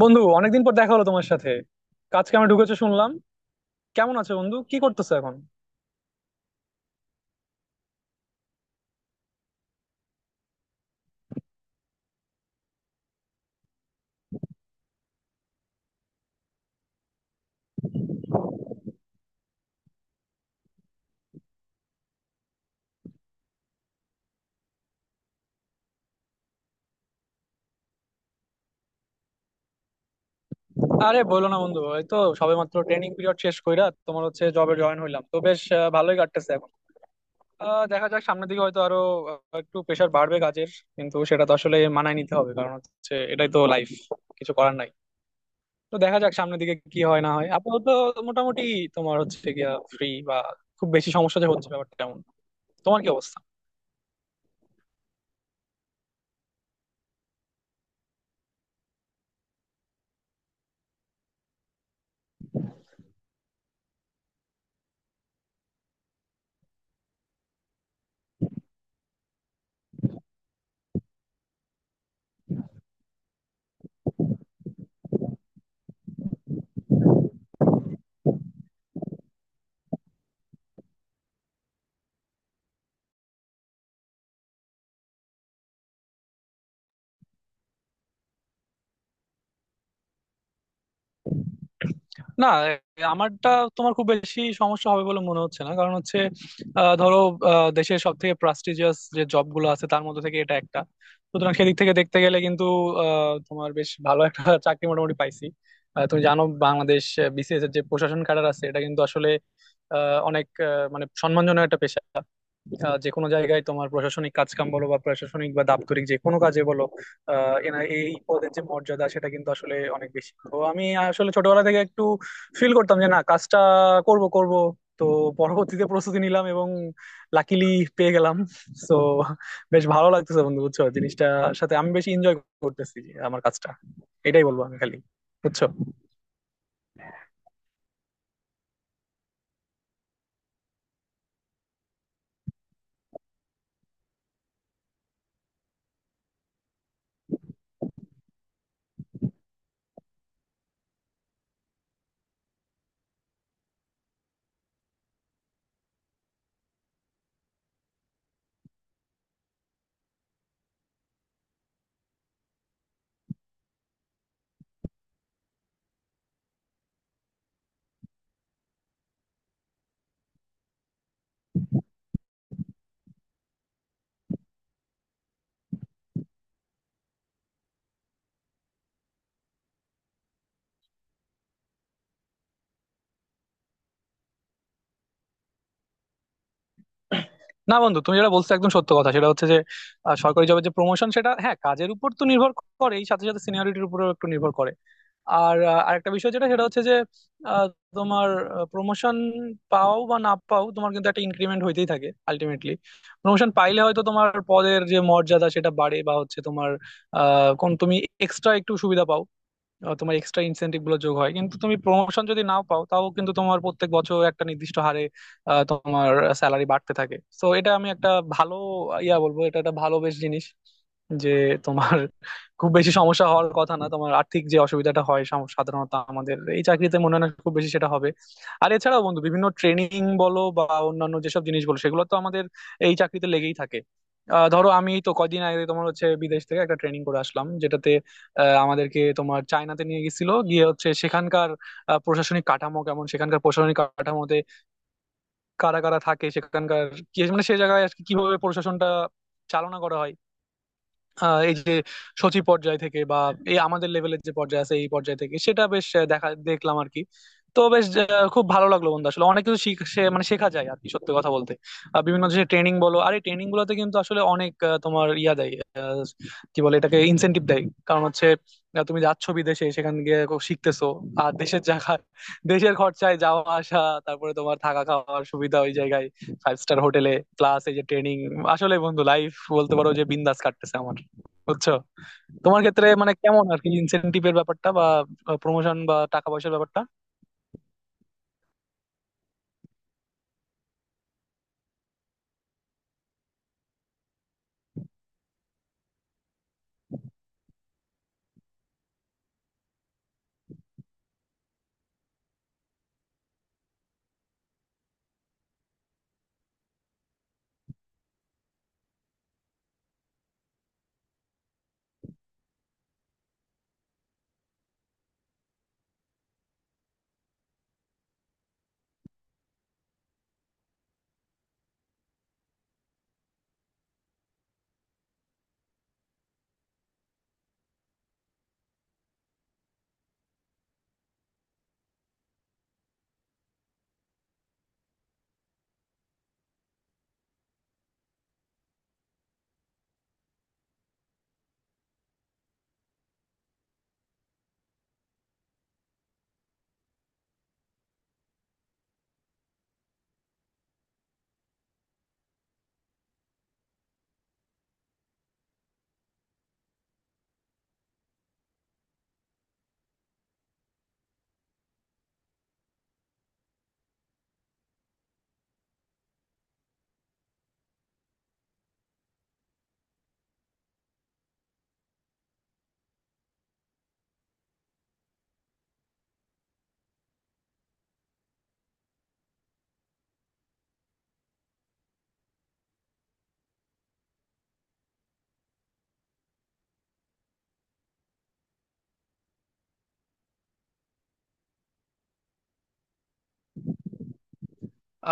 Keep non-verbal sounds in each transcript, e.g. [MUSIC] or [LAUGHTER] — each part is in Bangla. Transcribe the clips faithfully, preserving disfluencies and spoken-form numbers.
বন্ধু, অনেকদিন পর দেখা হলো তোমার সাথে। কাজ কামে ঢুকেছো শুনলাম। কেমন আছো বন্ধু, কি করতেছো এখন? আরে বলো না বন্ধু, এই তো সবেমাত্র ট্রেনিং পিরিয়ড শেষ কইরা তোমার হচ্ছে জবে জয়েন হইলাম। তো বেশ আহ, ভালোই কাটতেছে এখন। আহ, দেখা যাক, সামনের দিকে হয়তো আরো আহ, একটু প্রেশার বাড়বে কাজের। কিন্তু সেটা তো আসলে মানায় নিতে হবে, কারণ হচ্ছে এটাই তো লাইফ। কিছু করার নাই। তো দেখা যাক সামনের দিকে কি হয় না হয়। আপাতত মোটামুটি তোমার হচ্ছে গিয়া ফ্রি, বা খুব বেশি সমস্যা যে হচ্ছে ব্যাপারটা এমন। তোমার কি অবস্থা? না, আমারটা তোমার খুব বেশি সমস্যা হবে বলে মনে হচ্ছে না। কারণ হচ্ছে আহ, ধরো, আহ, দেশের সব থেকে প্রাস্টিজিয়াস যে জব গুলো আছে তার মধ্যে থেকে এটা একটা। সুতরাং সেদিক থেকে দেখতে গেলে কিন্তু আহ, তোমার বেশ ভালো একটা [LAUGHS] চাকরি মোটামুটি পাইছি। আহ, তুমি জানো, বাংলাদেশ বিসিএস এর যে প্রশাসন ক্যাডার আছে এটা কিন্তু আসলে আহ, অনেক আহ, মানে সম্মানজনক একটা পেশা। আহ যে কোনো জায়গায় তোমার প্রশাসনিক কাজকাম বলো, বা প্রশাসনিক বা দাপ্তরিক যে কোনো কাজে বলো, আহ এনা এই পদের যে মর্যাদা সেটা কিন্তু আসলে অনেক বেশি। তো আমি আসলে ছোটবেলা থেকে একটু ফিল করতাম যে না, কাজটা করব করব। তো পরবর্তীতে প্রস্তুতি নিলাম এবং লাকিলি পেয়ে গেলাম। তো বেশ ভালো লাগতেছে বন্ধু, বুঝছো, জিনিসটার সাথে আমি বেশি এনজয় করতেছি আমার কাজটা। এটাই বলবো আমি খালি, বুঝছো। না বন্ধু, তুমি যেটা বলছো একদম সত্য কথা। সেটা হচ্ছে যে আহ, সরকারি জবের যে প্রমোশন সেটা হ্যাঁ কাজের উপর তো নির্ভর করেই, সাথে সাথে সিনিয়রিটির উপরেও একটু নির্ভর করে। আর আহ, আরেকটা বিষয় যেটা, সেটা হচ্ছে যে আহ, তোমার প্রমোশন পাও বা না পাও, তোমার কিন্তু একটা ইনক্রিমেন্ট হইতেই থাকে আলটিমেটলি। প্রমোশন পাইলে হয়তো তোমার পদের যে মর্যাদা সেটা বাড়ে, বা হচ্ছে তোমার আহ কোন তুমি এক্সট্রা একটু সুবিধা পাও, আহ, তোমার এক্সট্রা ইনসেন্টিভ গুলো যোগ হয়। কিন্তু তুমি প্রমোশন যদি নাও পাও, তাও কিন্তু তোমার প্রত্যেক বছর একটা নির্দিষ্ট হারে আহ, তোমার স্যালারি বাড়তে থাকে। তো এটা আমি একটা ভালো ইয়া বলবো, এটা একটা ভালো বেশ জিনিস। যে তোমার খুব বেশি সমস্যা হওয়ার কথা না, তোমার আর্থিক যে অসুবিধাটা হয় সাম- সাধারণত আমাদের এই চাকরিতে মনে হয় না খুব বেশি সেটা হবে। আর এছাড়াও বন্ধু, বিভিন্ন ট্রেনিং বলো বা অন্যান্য যেসব জিনিস বলো, সেগুলো তো আমাদের এই চাকরিতে লেগেই থাকে। আহ, ধরো, আমি তো কয়দিন আগে তোমার হচ্ছে বিদেশ থেকে একটা ট্রেনিং করে আসলাম, যেটাতে আহ, আমাদেরকে তোমার চায়নাতে নিয়ে গেছিল। গিয়ে হচ্ছে সেখানকার আহ, প্রশাসনিক কাঠামো কেমন, সেখানকার প্রশাসনিক কাঠামোতে কারা কারা থাকে, সেখানকার কি মানে সেই জায়গায় আর কি কিভাবে প্রশাসনটা চালনা করা হয়, আহ এই যে সচিব পর্যায় থেকে বা এই আমাদের লেভেলের যে পর্যায় আছে এই পর্যায় থেকে, সেটা বেশ আহ, দেখা দেখলাম আর কি। তো বেশ আহ, খুব ভালো লাগলো বন্ধু। আসলে অনেক কিছু শিখ- সে- মানে শেখা যায় আর কি, সত্যি কথা বলতে। আহ, বিভিন্ন যে ট্রেনিং বলো, আর এই ট্রেনিং গুলোতে কিন্তু আসলে অনেক আহ, তোমার ইয়া দেয়, আহ, কি বলে এটাকে, ইনসেনটিভ দেয়। কারণ হচ্ছে আহ, তুমি যাচ্ছ বিদেশে, সেখান গিয়ে খুব শিখতেছো, আর দেশের জায়গা, দেশের খরচায় যাওয়া আসা, তারপরে তোমার থাকা খাওয়ার সুবিধা ওই জায়গায় ফাইভ স্টার হোটেলে, প্লাস এই যে ট্রেনিং। আসলে বন্ধু লাইফ বলতে পারো যে বিন্দাস কাটতেছে আমার, বুঝছো। তোমার ক্ষেত্রে মানে কেমন আর কি, ইনসেনটিভের ব্যাপারটা বা প্রমোশন বা টাকা পয়সার ব্যাপারটা?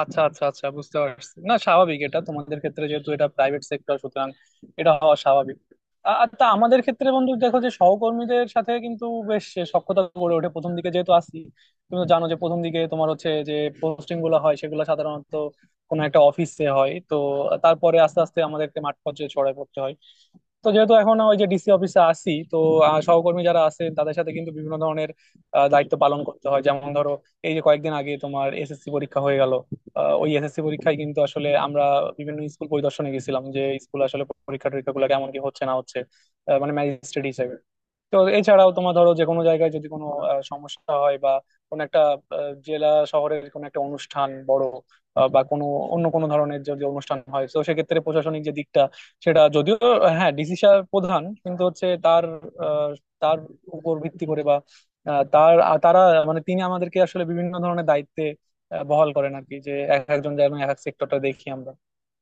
আচ্ছা আচ্ছা আচ্ছা, বুঝতে পারছি। না, স্বাভাবিক, এটা তোমাদের ক্ষেত্রে যেহেতু এটা প্রাইভেট সেক্টর, সুতরাং এটা হওয়া স্বাভাবিক। আ- আর তা আমাদের ক্ষেত্রে বন্ধু, দেখো যে সহকর্মীদের সাথে কিন্তু বেশ সখ্যতা গড়ে ওঠে। প্রথম দিকে যেহেতু আসি, তুমি তো জানো যে প্রথম দিকে তোমার হচ্ছে যে পোস্টিং গুলো হয় সেগুলো সাধারণত কোনো একটা অফিসে হয়। তো তারপরে আস্তে আস্তে আমাদেরকে মাঠ পর্যায়ে ছড়ায় পড়তে হয়। তো যেহেতু এখন ওই যে ডিসি অফিসে আসি, তো আহ, সহকর্মী যারা আছেন তাদের সাথে কিন্তু বিভিন্ন ধরনের আহ, দায়িত্ব পালন করতে হয়। যেমন ধরো, এই যে কয়েকদিন আগে তোমার এসএসসি পরীক্ষা হয়ে গেল, ওই এসএসসি পরীক্ষায় কিন্তু আসলে আমরা বিভিন্ন স্কুল পরিদর্শনে গেছিলাম যে স্কুল আসলে পরীক্ষা টরীক্ষা গুলো কেমন, কি হচ্ছে না হচ্ছে, আহ, মানে ম্যাজিস্ট্রেট হিসেবে। তো এছাড়াও তোমার, ধরো যে কোনো জায়গায় যদি কোনো আহ, সমস্যা হয় বা কোনো একটা আহ, জেলা শহরের কোনো একটা অনুষ্ঠান বড় আহ, বা কোনো অন্য কোনো ধরনের যদি অনুষ্ঠান হয়, তো সেক্ষেত্রে প্রশাসনিক যে দিকটা, সেটা যদিও আহ, হ্যাঁ ডিসি সাহেব প্রধান, কিন্তু হচ্ছে তার আহ, তার উপর ভিত্তি করে বা আহ, তার আ- তারা মানে তিনি আমাদেরকে আসলে বিভিন্ন ধরনের দায়িত্বে আহ, বহাল করেন আর কি, যে এক একজন যেন এক এক সেক্টরটা দেখি আমরা,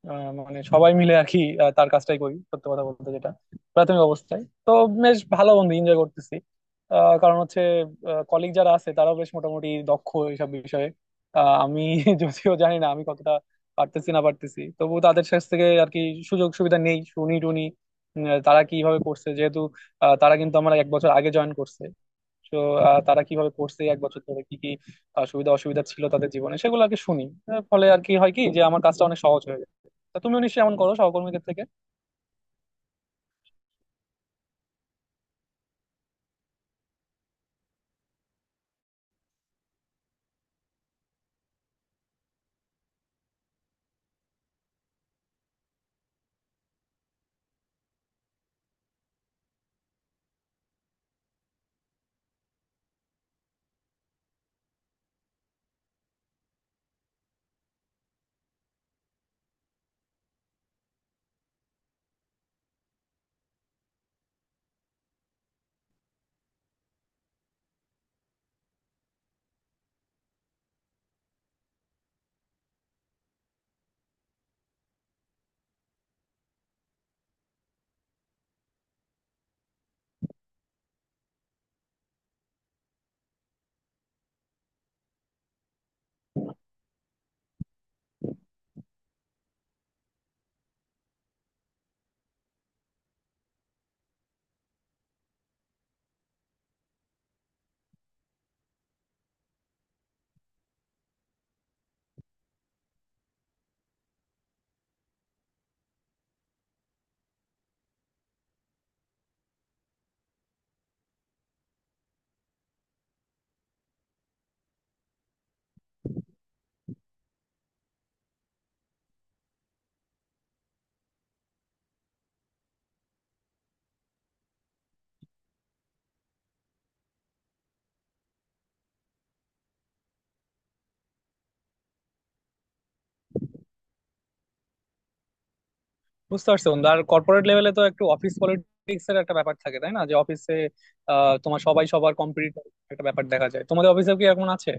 আহ, মানে সবাই মিলে আর কি আহ, তার কাজটাই করি, সত্যি কথা বলতে, যেটা প্রাথমিক অবস্থায়। তো বেশ ভালো বন্ধু, এনজয় করতেছি। আহ, কারণ হচ্ছে কলিগ যারা আছে তারাও বেশ মোটামুটি দক্ষ এইসব বিষয়ে। আহ, আমি [LAUGHS] যদিও জানি না আমি কতটা পারতেছি না পারতেছি, তবু তাদের কাছ থেকে আর কি সুযোগ সুবিধা নেই, শুনি টুনি উম, তারা কিভাবে করছে, যেহেতু আহ, তারা কিন্তু আমার এক বছর আগে জয়েন করছে। তো আহ, তারা কিভাবে করছে এক বছর ধরে, কি কি আহ, সুবিধা অসুবিধা ছিল তাদের জীবনে সেগুলো আর কি শুনি। আহ, ফলে আর কি হয় কি, যে আমার কাজটা অনেক সহজ হয়ে যায়। তা তুমিও নিশ্চয়ই এমন করো সহকর্মীদের থেকে? বুঝতে পারছি বন্ধু। আর কর্পোরেট লেভেলে তো একটু অফিস পলিটিক্স এর একটা ব্যাপার থাকে, তাই না? যে অফিসে তোমার সবাই সবার কম্পিটিটর, একটা ব্যাপার দেখা যায়। তোমাদের অফিসে কি এরকম আছে?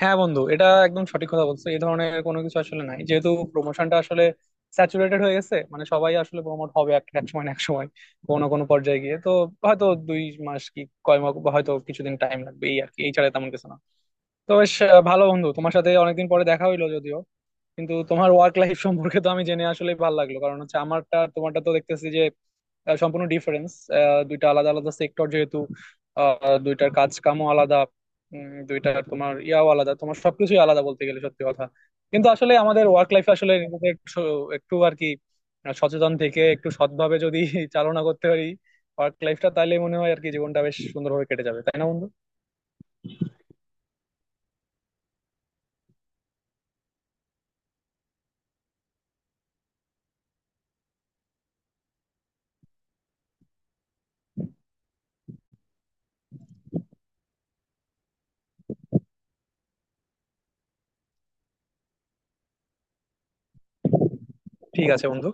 হ্যাঁ বন্ধু, এটা একদম সঠিক কথা বলছো। এই ধরনের কোনো কিছু আসলে নাই, যেহেতু প্রমোশনটা আসলে স্যাচুরেটেড হয়ে গেছে, মানে সবাই আসলে প্রমোট হবে এক এক সময় না এক সময়, কোনো কোনো পর্যায়ে গিয়ে। তো হয়তো দুই মাস কি কয় মাস হয়তো কিছুদিন টাইম লাগবে, এই আর কি, এই ছাড়া তেমন কিছু না। তো বেশ আহ, ভালো বন্ধু, তোমার সাথে অনেকদিন পরে দেখা হইলো যদিও, কিন্তু তোমার ওয়ার্ক লাইফ সম্পর্কে তো আমি জেনে আসলে ভালো লাগলো। কারণ হচ্ছে আমারটা আর তোমারটা তো দেখতেছি যে আহ, সম্পূর্ণ ডিফারেন্স। দুইটা আলাদা আলাদা সেক্টর, যেহেতু আহ, দুইটার কাজ কামও আলাদা, উম, দুইটার তোমার ইয়াও আলাদা, তোমার সবকিছুই আলাদা বলতে গেলে, সত্যি কথা। কিন্তু আসলে আমাদের ওয়ার্ক লাইফ আসলে নিজেদের একটু, একটু আর কি, সচেতন থেকে একটু সৎভাবে যদি [LAUGHS] চালনা করতে পারি ওয়ার্ক লাইফটা, তাহলে মনে হয় আর কি জীবনটা বেশ সুন্দরভাবে কেটে যাবে, তাই না বন্ধু? ঠিক আছে বন্ধু।